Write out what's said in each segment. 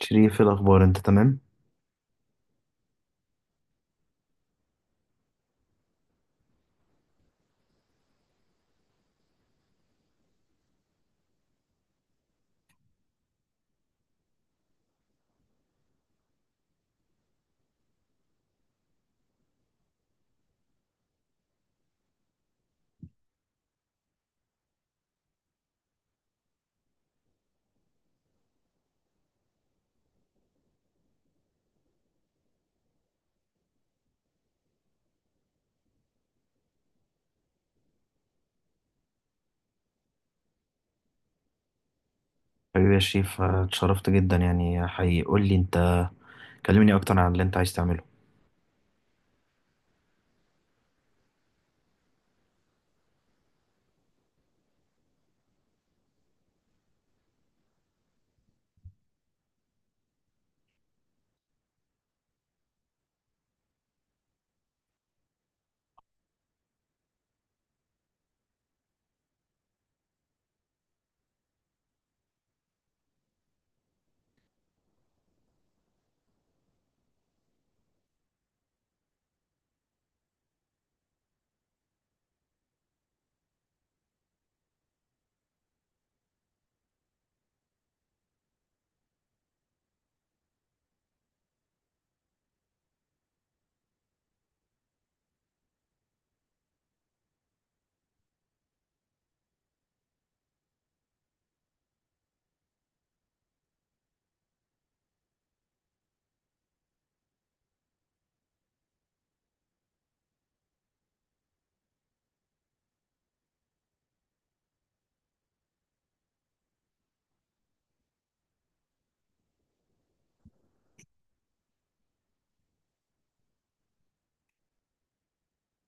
شريف إيه الأخبار أنت تمام؟ حبيبي يا شريف، اتشرفت جدا يعني حقيقي. قول لي أنت، كلمني أكتر عن اللي أنت عايز تعمله.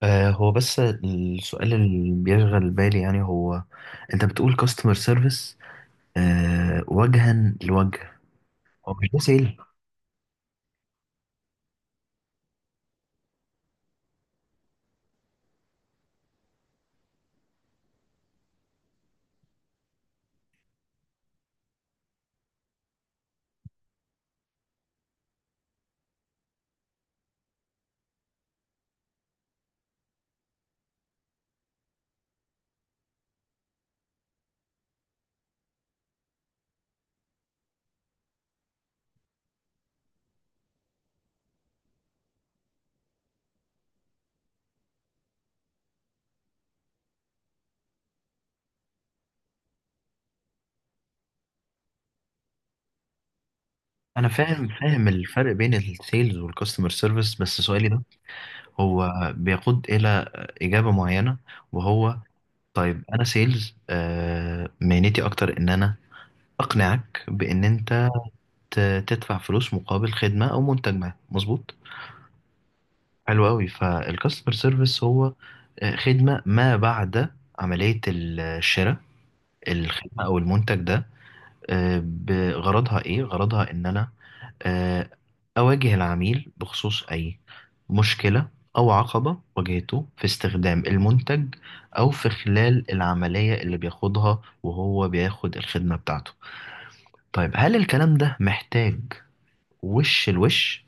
هو بس السؤال اللي بيشغل بالي يعني هو انت بتقول كاستمر سيرفيس وجها لوجه. هو مش ده سيل؟ انا فاهم فاهم الفرق بين السيلز والكاستمر سيرفيس، بس سؤالي ده هو بيقود الى اجابة معينة. وهو طيب، انا سيلز، مهنتي اكتر ان انا اقنعك بان انت تدفع فلوس مقابل خدمة أو منتج ما، مظبوط؟ حلو أوي. فالكاستمر سيرفيس هو خدمة ما بعد عملية الشراء، الخدمة أو المنتج ده. بغرضها إيه؟ غرضها إن أنا آه، أواجه العميل بخصوص أي مشكلة أو عقبة واجهته في استخدام المنتج، أو في خلال العملية اللي بياخدها وهو بياخد الخدمة بتاعته. طيب هل الكلام ده محتاج وش لوش؟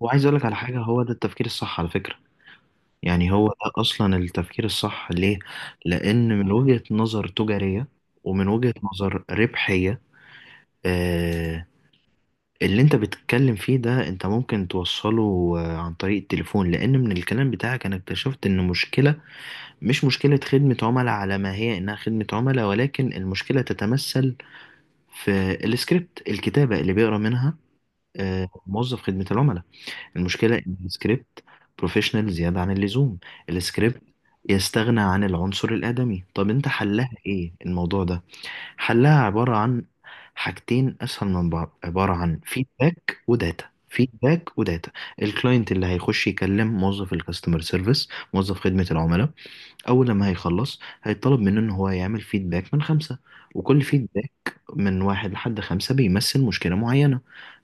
وعايز اقول لك على حاجه، هو ده التفكير الصح على فكره. يعني هو ده اصلا التفكير الصح. ليه؟ لان من وجهه نظر تجاريه، ومن وجهه نظر ربحيه، آه اللي انت بتتكلم فيه ده انت ممكن توصله عن طريق التليفون، لان من الكلام بتاعك انا اكتشفت ان مشكله، مش مشكله خدمه عملاء على ما هي انها خدمه عملاء، ولكن المشكله تتمثل في السكريبت، الكتابه اللي بيقرا منها موظف خدمه العملاء. المشكلة إن السكريبت بروفيشنال زيادة عن اللزوم، السكريبت يستغنى عن العنصر الآدمي. طب أنت حلها إيه الموضوع ده؟ حلها عبارة عن حاجتين أسهل من بعض، عبارة عن فيدباك وداتا، فيدباك وداتا. الكلاينت اللي هيخش يكلم موظف الكاستمر سيرفيس، موظف خدمة العملاء، أول لما هيخلص هيطلب منه إن هو يعمل فيدباك من خمسة، وكل فيدباك من واحد لحد خمسة بيمثل مشكلة معينة.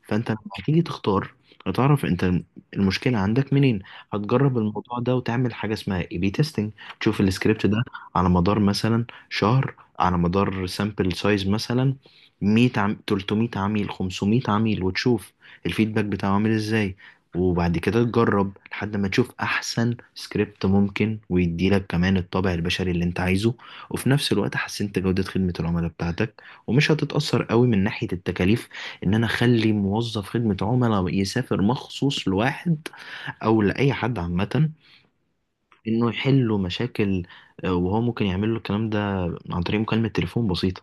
فأنت لما هتيجي تختار هتعرف أنت المشكلة عندك منين. هتجرب الموضوع ده وتعمل حاجة اسمها اي بي تيستنج، تشوف السكريبت ده على مدار مثلا شهر، على مدار سامبل سايز مثلا 100 300 عميل، 500 عميل، وتشوف الفيدباك بتاعه عامل ازاي. وبعد كده تجرب لحد ما تشوف احسن سكريبت ممكن، ويديلك كمان الطابع البشري اللي انت عايزه، وفي نفس الوقت حسنت جودة خدمة العملاء بتاعتك ومش هتتأثر قوي من ناحية التكاليف، ان انا اخلي موظف خدمة عملاء يسافر مخصوص لواحد او لاي حد عامة انه يحل له مشاكل، وهو ممكن يعمل له الكلام ده عن طريق مكالمة تليفون بسيطة،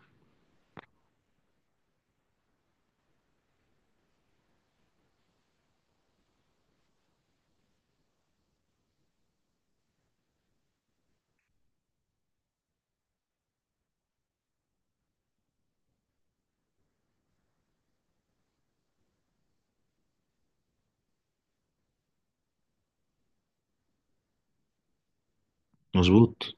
مظبوط.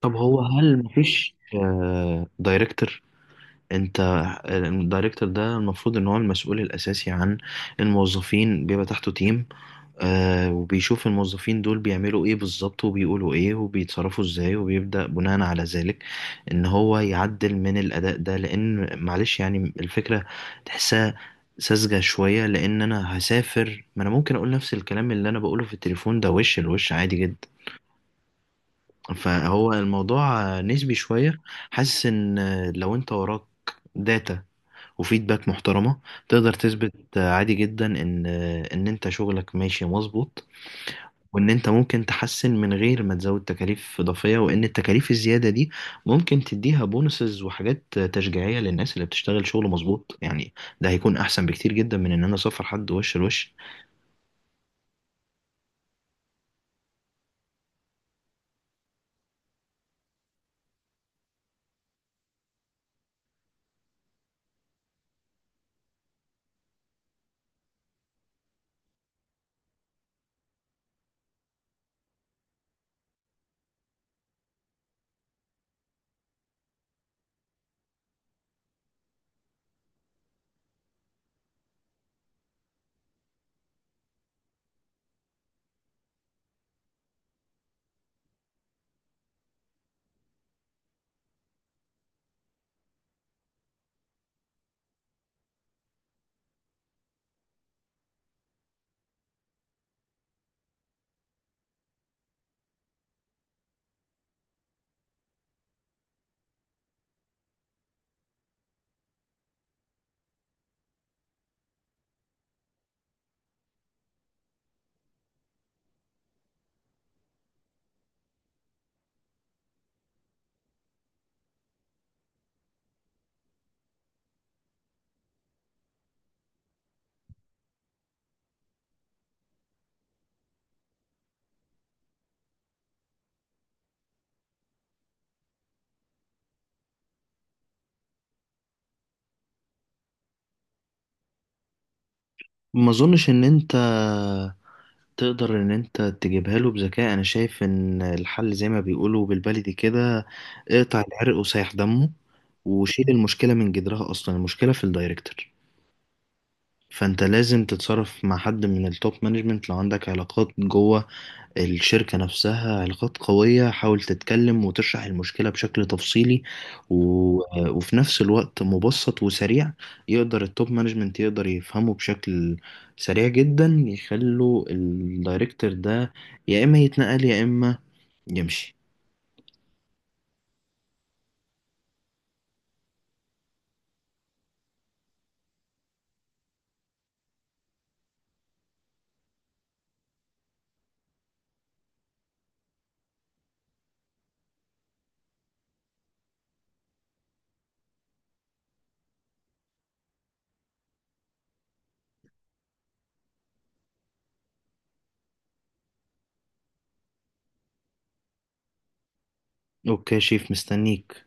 طب هو هل مفيش دايركتور؟ انت الدايركتور ده المفروض ان هو المسؤول الاساسي عن الموظفين، بيبقى تحته تيم، وبيشوف الموظفين دول بيعملوا ايه بالظبط وبيقولوا ايه وبيتصرفوا ازاي، وبيبدأ بناء على ذلك ان هو يعدل من الاداء ده. لان معلش يعني الفكرة تحسها ساذجة شوية، لان انا هسافر، ما انا ممكن اقول نفس الكلام اللي انا بقوله في التليفون ده وش الوش عادي جدا. فهو الموضوع نسبي شوية. حاسس ان لو انت وراك داتا وفيدباك محترمة، تقدر تثبت عادي جدا ان، ان انت شغلك ماشي مظبوط، وان انت ممكن تحسن من غير ما تزود تكاليف اضافية، وان التكاليف الزيادة دي ممكن تديها بونسز وحاجات تشجيعية للناس اللي بتشتغل شغل مظبوط يعني. ده هيكون احسن بكتير جدا من ان انا اسفر حد وش لوش. ما اظنش ان انت تقدر ان انت تجيبها له بذكاء. انا شايف ان الحل زي ما بيقولوا بالبلدي كده، اقطع العرق وسايح دمه، وشيل المشكلة من جذرها. أصلا المشكلة في الدايركتور، فأنت لازم تتصرف مع حد من التوب مانجمنت، لو عندك علاقات جوه الشركة نفسها، علاقات قوية، حاول تتكلم وتشرح المشكلة بشكل تفصيلي و... وفي نفس الوقت مبسط وسريع، يقدر التوب مانجمنت يقدر يفهمه بشكل سريع جدا، يخلوا الدايركتور ده يا إما يتنقل يا إما يمشي. أوكي يا شيف، مستنيك.